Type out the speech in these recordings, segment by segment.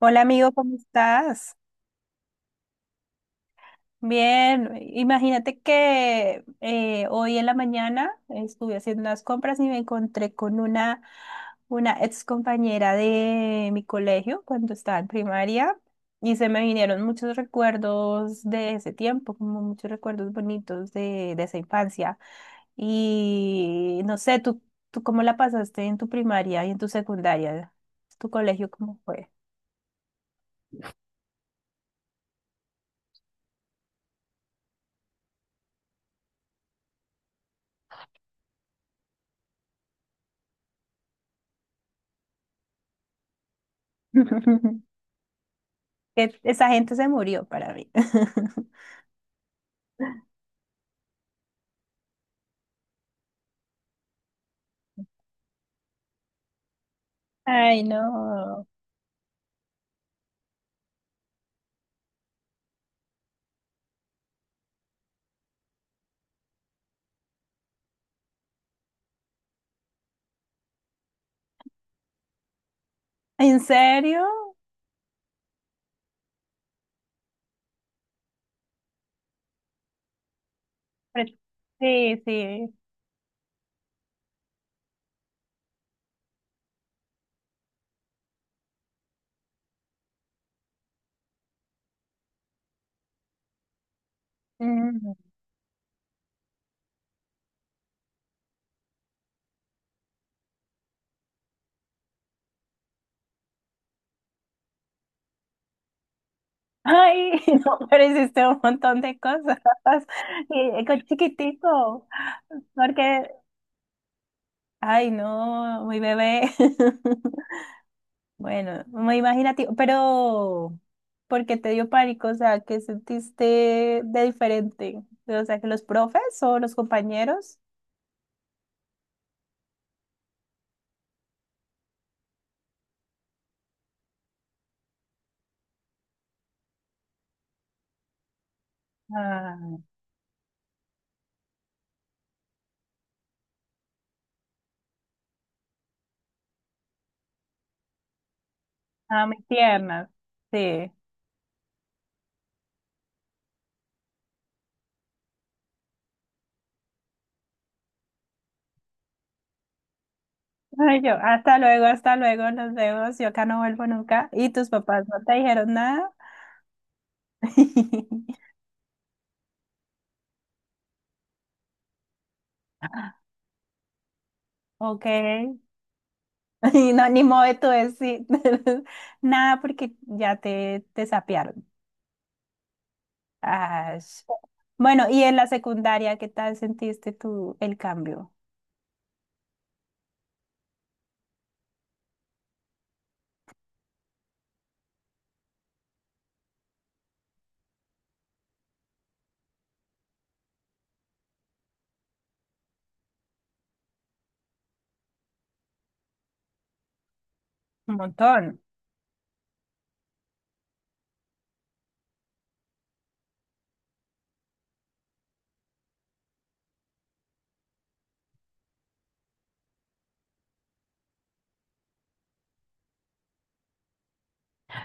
Hola amigo, ¿cómo estás? Bien, imagínate que hoy en la mañana estuve haciendo unas compras y me encontré con una ex compañera de mi colegio cuando estaba en primaria y se me vinieron muchos recuerdos de ese tiempo, como muchos recuerdos bonitos de esa infancia. Y no sé, ¿tú cómo la pasaste en tu primaria y en tu secundaria? ¿Tu colegio cómo fue? Que esa gente se murió para mí. Ay, no. ¿En serio? Pero- sí, sí. Mm. Ay, no, pero hiciste un montón de cosas. Y con chiquitico. Porque, ay, no, muy bebé. Bueno, muy imaginativo. Pero, ¿por qué te dio pánico? O sea, ¿qué sentiste de diferente? O sea, que los profes o los compañeros. Ah, ah, muy tiernas. Sí. Ay, yo, hasta luego, nos vemos, yo acá no vuelvo nunca. ¿Y tus papás no te dijeron nada? Ok, y no, ni modo de tú decir nada porque ya te sapearon. Ay. Bueno, y en la secundaria, ¿qué tal sentiste tú el cambio? Un montón.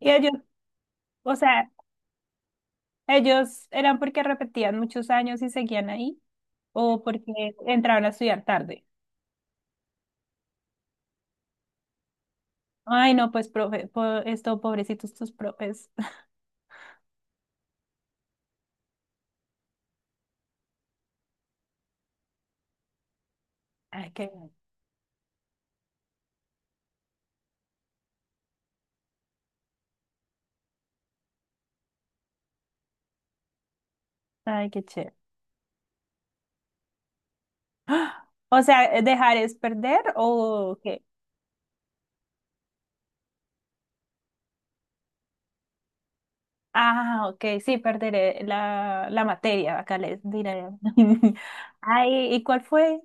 Y ellos, o sea, ellos eran porque repetían muchos años y seguían ahí, o porque entraban a estudiar tarde. Ay, no, pues, profe, po- esto, pobrecitos tus profes. Ay, qué, ay, qué chévere. ¡Ah! O sea, ¿dejar es perder o qué? Ah, ok, sí, perderé la materia, acá les diré. Ay, ¿y cuál fue?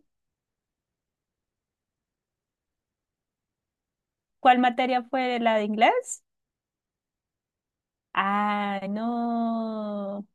¿Cuál materia fue la de inglés? Ah, no.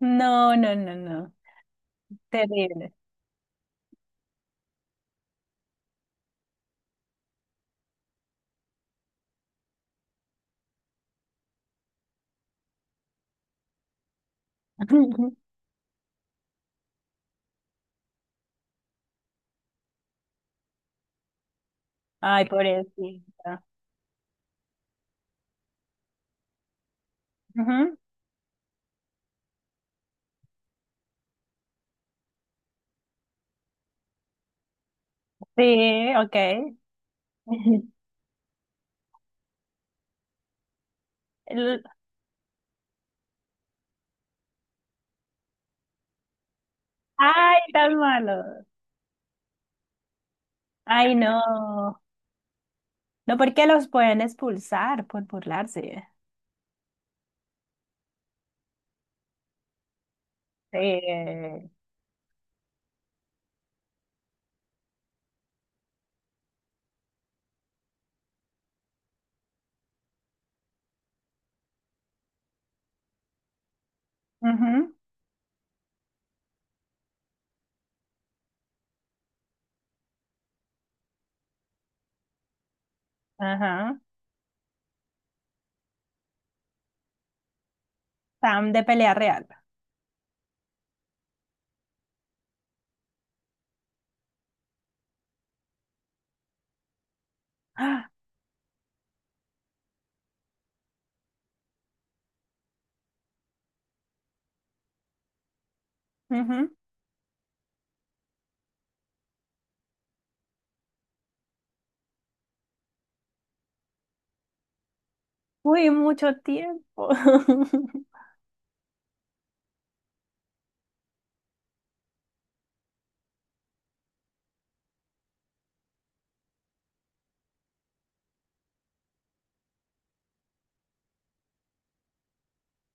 No, no, no, no. Terrible. Ay, pobrecita. Ujú. Sí, ok. El- ay, tan malo. Ay, no. No porque los pueden expulsar por burlarse. Sí. Ujú, ajá. Sam de pelea real. ¡Ah! Ujú. Uy, mucho tiempo.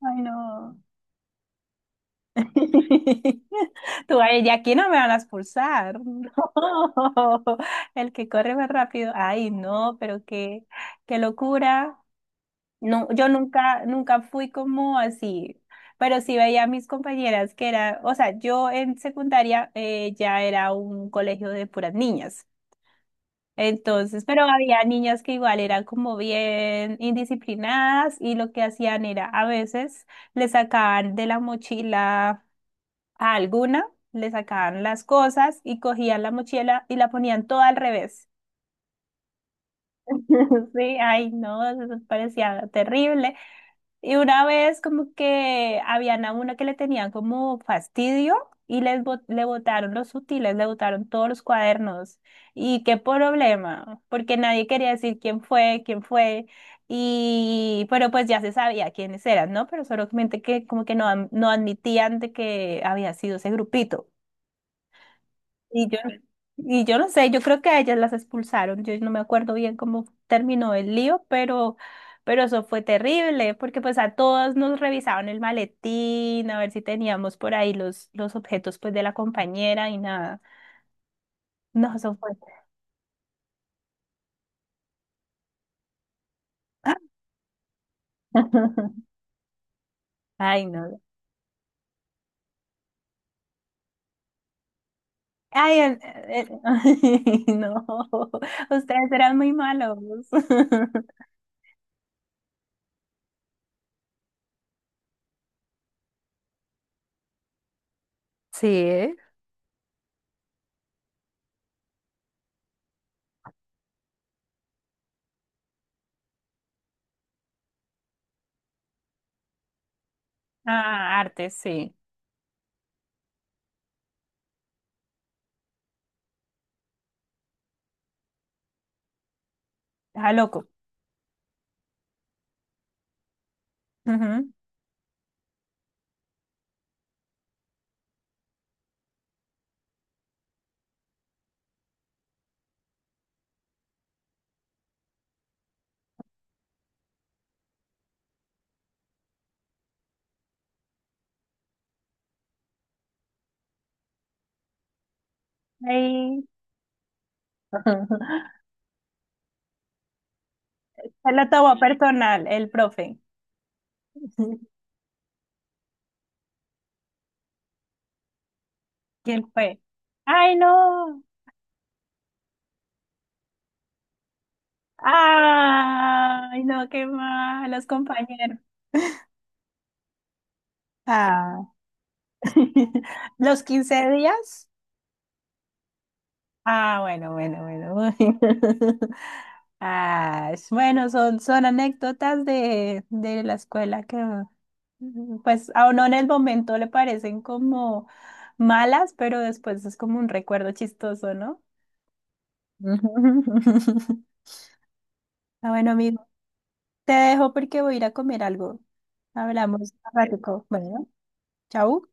Ay, no. Tú, ay, y aquí no me van a expulsar. No. El que corre más rápido. Ay, no, pero qué, qué locura. No, yo nunca, nunca fui como así, pero sí veía a mis compañeras que era, o sea, yo en secundaria ya era un colegio de puras niñas. Entonces, pero había niñas que igual eran como bien indisciplinadas y lo que hacían era a veces le sacaban de la mochila a alguna, le sacaban las cosas y cogían la mochila y la ponían toda al revés. Sí, ay, no, eso parecía terrible. Y una vez como que habían a una que le tenían como fastidio y les bot- le botaron los útiles, le botaron todos los cuadernos. ¿Y qué problema? Porque nadie quería decir quién fue, quién fue. Y pero pues ya se sabía quiénes eran, ¿no? Pero solamente que como que no, am- no admitían de que había sido ese grupito. Y yo, y yo no sé, yo creo que a ellas las expulsaron. Yo no me acuerdo bien cómo terminó el lío, pero eso fue terrible, porque pues a todas nos revisaban el maletín, a ver si teníamos por ahí los objetos pues de la compañera y nada. No, eso fue. Ay, no. Ay, el- ay, no. Ustedes eran muy malos. Sí, ¿eh? Ah, arte, sí. Ah, loco. Ujú. Ay. Se lo tomó personal, el profe. ¿Quién fue? ¡Ay, no! ¡Ay, no! ¡Qué mal! Los compañeros. Ah. ¿Los 15 días? Ah, bueno, bueno, bueno. Ah, es- bueno, son, son anécdotas de la escuela que, mm, pues, a uno en el momento le parecen como malas, pero después es como un recuerdo chistoso, ¿no? Ah, bueno, amigo, te dejo porque voy a ir a comer algo. Hablamos un ratico. Bueno, chau.